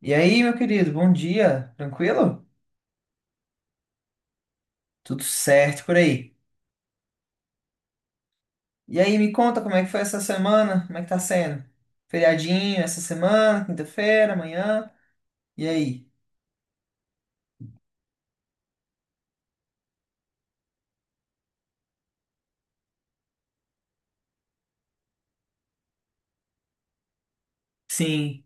E aí, meu querido, bom dia, tranquilo? Tudo certo por aí. E aí, me conta como é que foi essa semana? Como é que tá sendo? Feriadinho essa semana, quinta-feira, amanhã. E aí? Sim.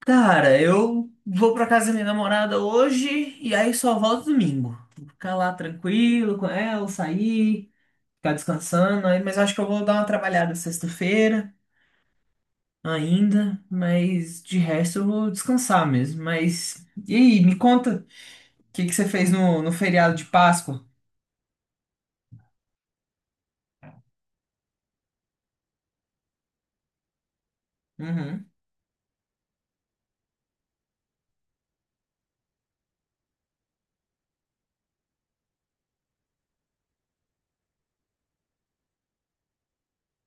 Cara, eu vou pra casa da minha namorada hoje e aí só volto domingo. Vou ficar lá tranquilo com ela, sair, ficar descansando. Aí, mas acho que eu vou dar uma trabalhada sexta-feira ainda, mas de resto eu vou descansar mesmo. Mas e aí, me conta. O que que você fez no feriado de Páscoa? Uhum.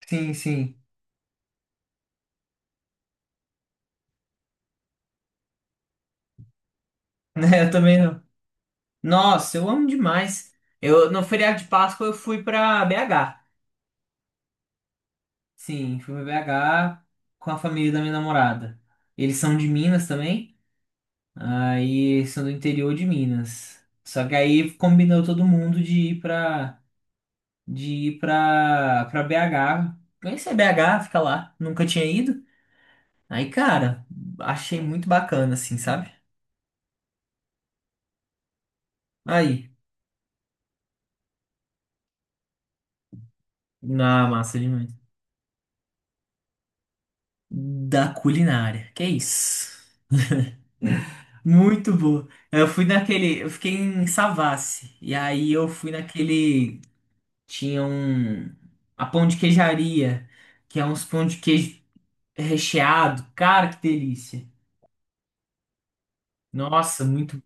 Sim, sim. Né, eu também não. Nossa, eu amo demais. Eu, no feriado de Páscoa eu fui pra BH. Sim, fui pra BH com a família da minha namorada. Eles são de Minas também. Aí são do interior de Minas. Só que aí combinou todo mundo de ir pra, pra BH. Conhecer BH, fica lá. Nunca tinha ido. Aí, cara, achei muito bacana, assim, sabe? Aí. Ah, massa demais. Da culinária. Que é isso? Muito boa. Eu fui naquele. Eu fiquei em Savassi. E aí eu fui naquele. Tinha um. A pão de queijaria. Que é uns pão de queijo recheado. Cara, que delícia. Nossa, muito.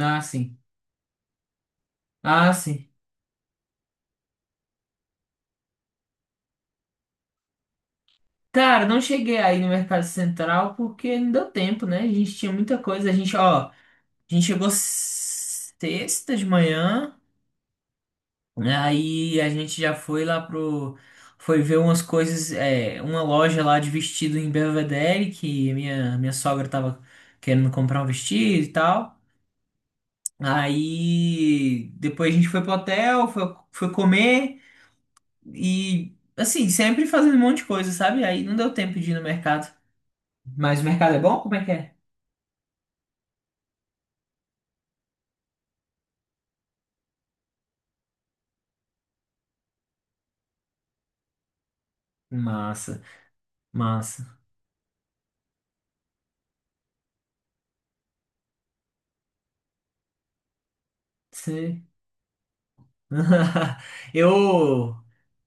Ah, sim. Ah, sim. Cara, não cheguei aí no Mercado Central porque não deu tempo, né? A gente tinha muita coisa. A gente, ó. A gente chegou sexta de manhã. Né, aí a gente já foi lá pro. Foi ver umas coisas, é, uma loja lá de vestido em Belvedere, que a minha sogra tava querendo comprar um vestido e tal. Aí depois a gente foi pro hotel, foi comer e assim, sempre fazendo um monte de coisa, sabe? Aí não deu tempo de ir no mercado. Mas o mercado é bom? Como é que é? Massa, massa. Sei. Eu.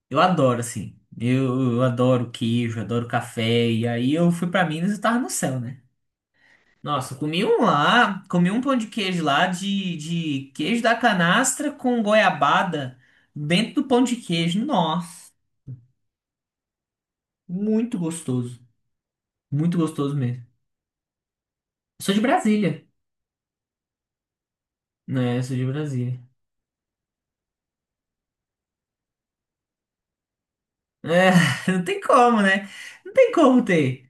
Eu adoro, assim. Eu adoro queijo, adoro café. E aí eu fui pra Minas e tava no céu, né? Nossa, eu comi um lá, comi um pão de queijo lá de queijo da canastra com goiabada dentro do pão de queijo. Nossa, muito gostoso. Muito gostoso mesmo. Eu sou de Brasília, né? Eu sou de Brasília. É, não tem como, né? Não tem como ter.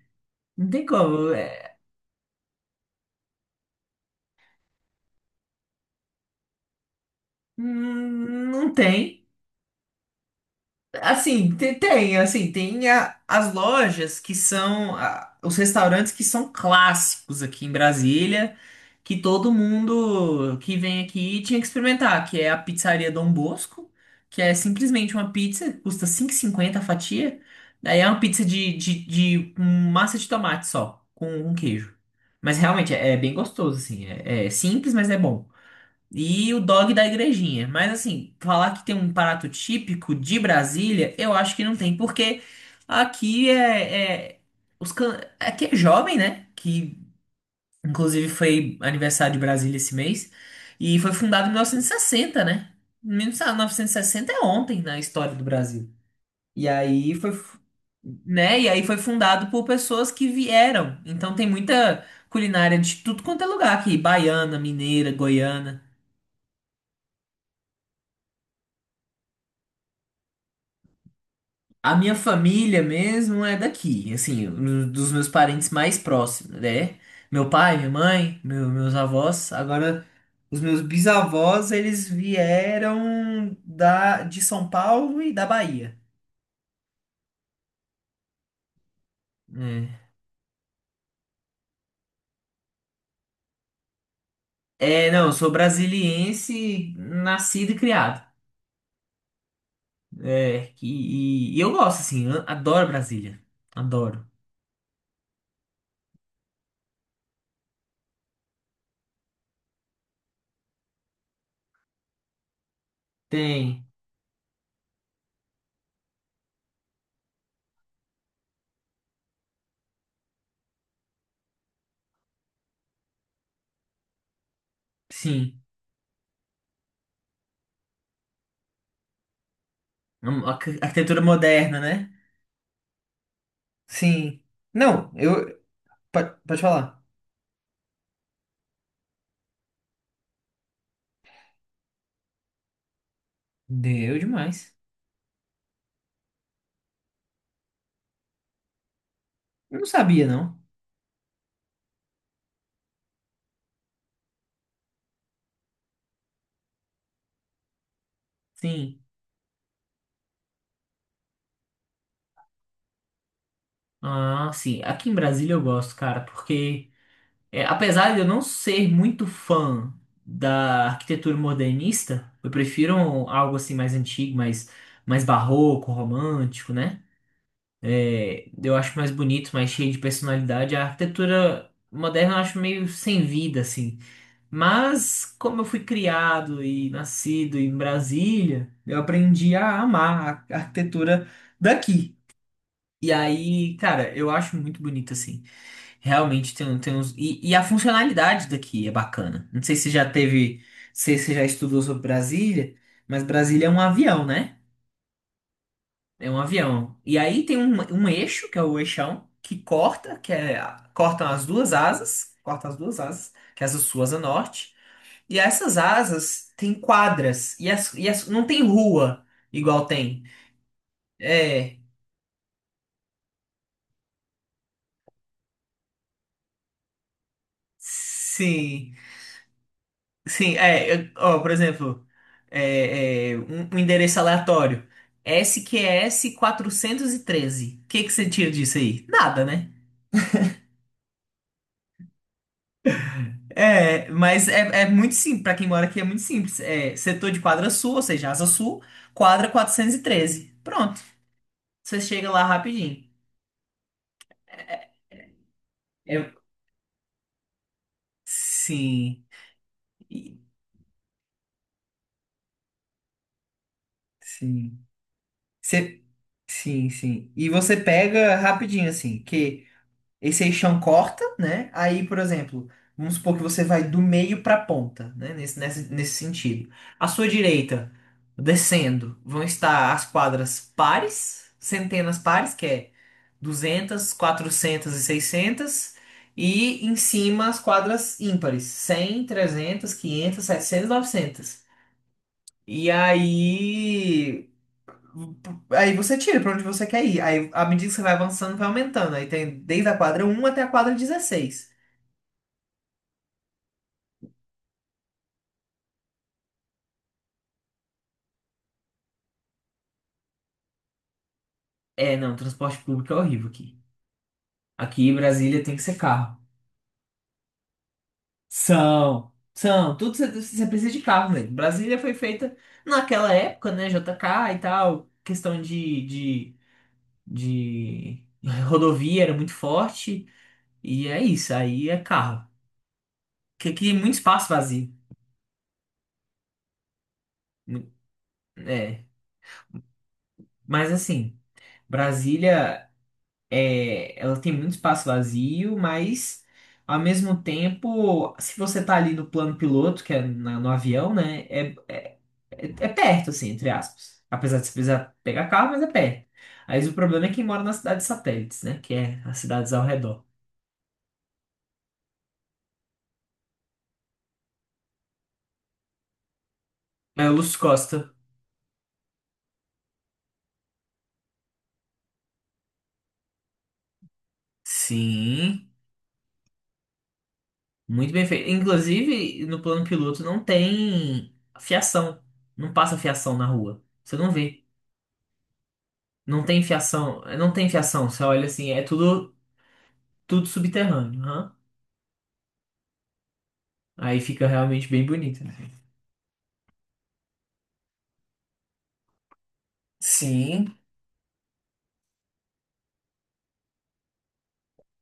Não tem como. É, não tem. Assim, tem, assim, tem as lojas que são os restaurantes que são clássicos aqui em Brasília, que todo mundo que vem aqui tinha que experimentar, que é a Pizzaria Dom Bosco, que é simplesmente uma pizza, custa 5,50 a fatia. Daí é uma pizza de um massa de tomate só, com um queijo. Mas realmente é, é bem gostoso, assim, é, é simples, mas é bom. E o dog da igrejinha. Mas assim, falar que tem um prato típico de Brasília, eu acho que não tem, porque aqui é, é- os can... aqui é jovem, né? Que inclusive foi aniversário de Brasília esse mês e foi fundado em 1960, né? 1960 é ontem na história do Brasil. E aí né? E aí foi fundado por pessoas que vieram. Então tem muita culinária de tudo quanto é lugar aqui, baiana, mineira, goiana. A minha família mesmo é daqui, assim, dos meus parentes mais próximos, né? Meu pai, minha mãe, meus avós. Agora, os meus bisavós, eles vieram de São Paulo e da Bahia. É. É, não, eu sou brasiliense, nascido e criado. É, e eu gosto, assim, eu adoro Brasília. Adoro. Tem, sim. Um, arquitetura moderna, né? Sim. Não, eu. Pode, pode falar. Deu demais. Eu não sabia, não. Sim. Ah, sim. Aqui em Brasília eu gosto, cara, porque é, apesar de eu não ser muito fã da arquitetura modernista, eu prefiro algo assim mais antigo, mais barroco, romântico, né? É, eu acho mais bonito, mais cheio de personalidade. A arquitetura moderna eu acho meio sem vida, assim. Mas como eu fui criado e nascido em Brasília, eu aprendi a amar a arquitetura daqui. E aí, cara, eu acho muito bonito assim. Realmente tem, tem uns. E a funcionalidade daqui é bacana. Não sei se já teve. Se você já estudou sobre Brasília, mas Brasília é um avião, né? É um avião. E aí tem um, um eixo, que é o eixão, que corta, que é. Cortam as duas asas. Corta as duas asas, que é essa sua asa norte. E essas asas têm quadras. E as, não tem rua igual tem. É. Sim. Sim, é, ó, por exemplo, um, um endereço aleatório, S Q S Q SQS 413. O que que você tira disso aí? Nada, né? É, mas é, é muito simples, pra quem mora aqui é muito simples. É, setor de quadra sul, ou seja, asa sul, quadra quatrocentos e treze. Pronto, você chega lá rapidinho. É, sim, e- sim. Você, sim, sim. E você pega rapidinho, assim, que esse aí chão corta, né? Aí, por exemplo, vamos supor que você vai do meio para a ponta, né? Nesse sentido. À sua direita, descendo, vão estar as quadras pares, centenas pares, que é 200, 400 e seiscentas. E em cima as quadras ímpares, 100, 300, 500, 700, 900. E aí Aí você tira pra onde você quer ir. Aí, à medida que você vai avançando, vai aumentando. Aí tem desde a quadra um até a quadra 16. É, não, transporte público é horrível aqui. Aqui em Brasília tem que ser carro. São, são, tudo você precisa de carro mesmo. Brasília foi feita naquela época, né? JK e tal, questão de rodovia era muito forte. E é isso, aí é carro. Que aqui é muito espaço vazio. Mu- É, mas assim. Brasília é, ela tem muito espaço vazio, mas ao mesmo tempo, se você tá ali no plano piloto, que é no avião, né? É perto, assim, entre aspas. Apesar de você precisar pegar carro, mas é perto. Aí o problema é quem mora nas cidades satélites, né? Que é as cidades ao redor. É o Lúcio Costa. Sim, muito bem feito. Inclusive, no plano piloto não tem fiação. Não passa fiação na rua. Você não vê. Não tem fiação, não tem fiação. Você olha assim, é tudo subterrâneo, aham. Aí fica realmente bem bonito, assim. Sim,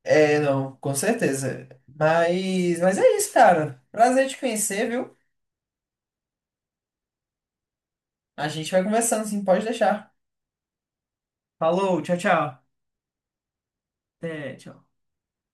é, não, com certeza. Mas é isso, cara. Prazer te conhecer, viu? A gente vai conversando, sim, pode deixar. Falou, tchau, tchau. Até tchau.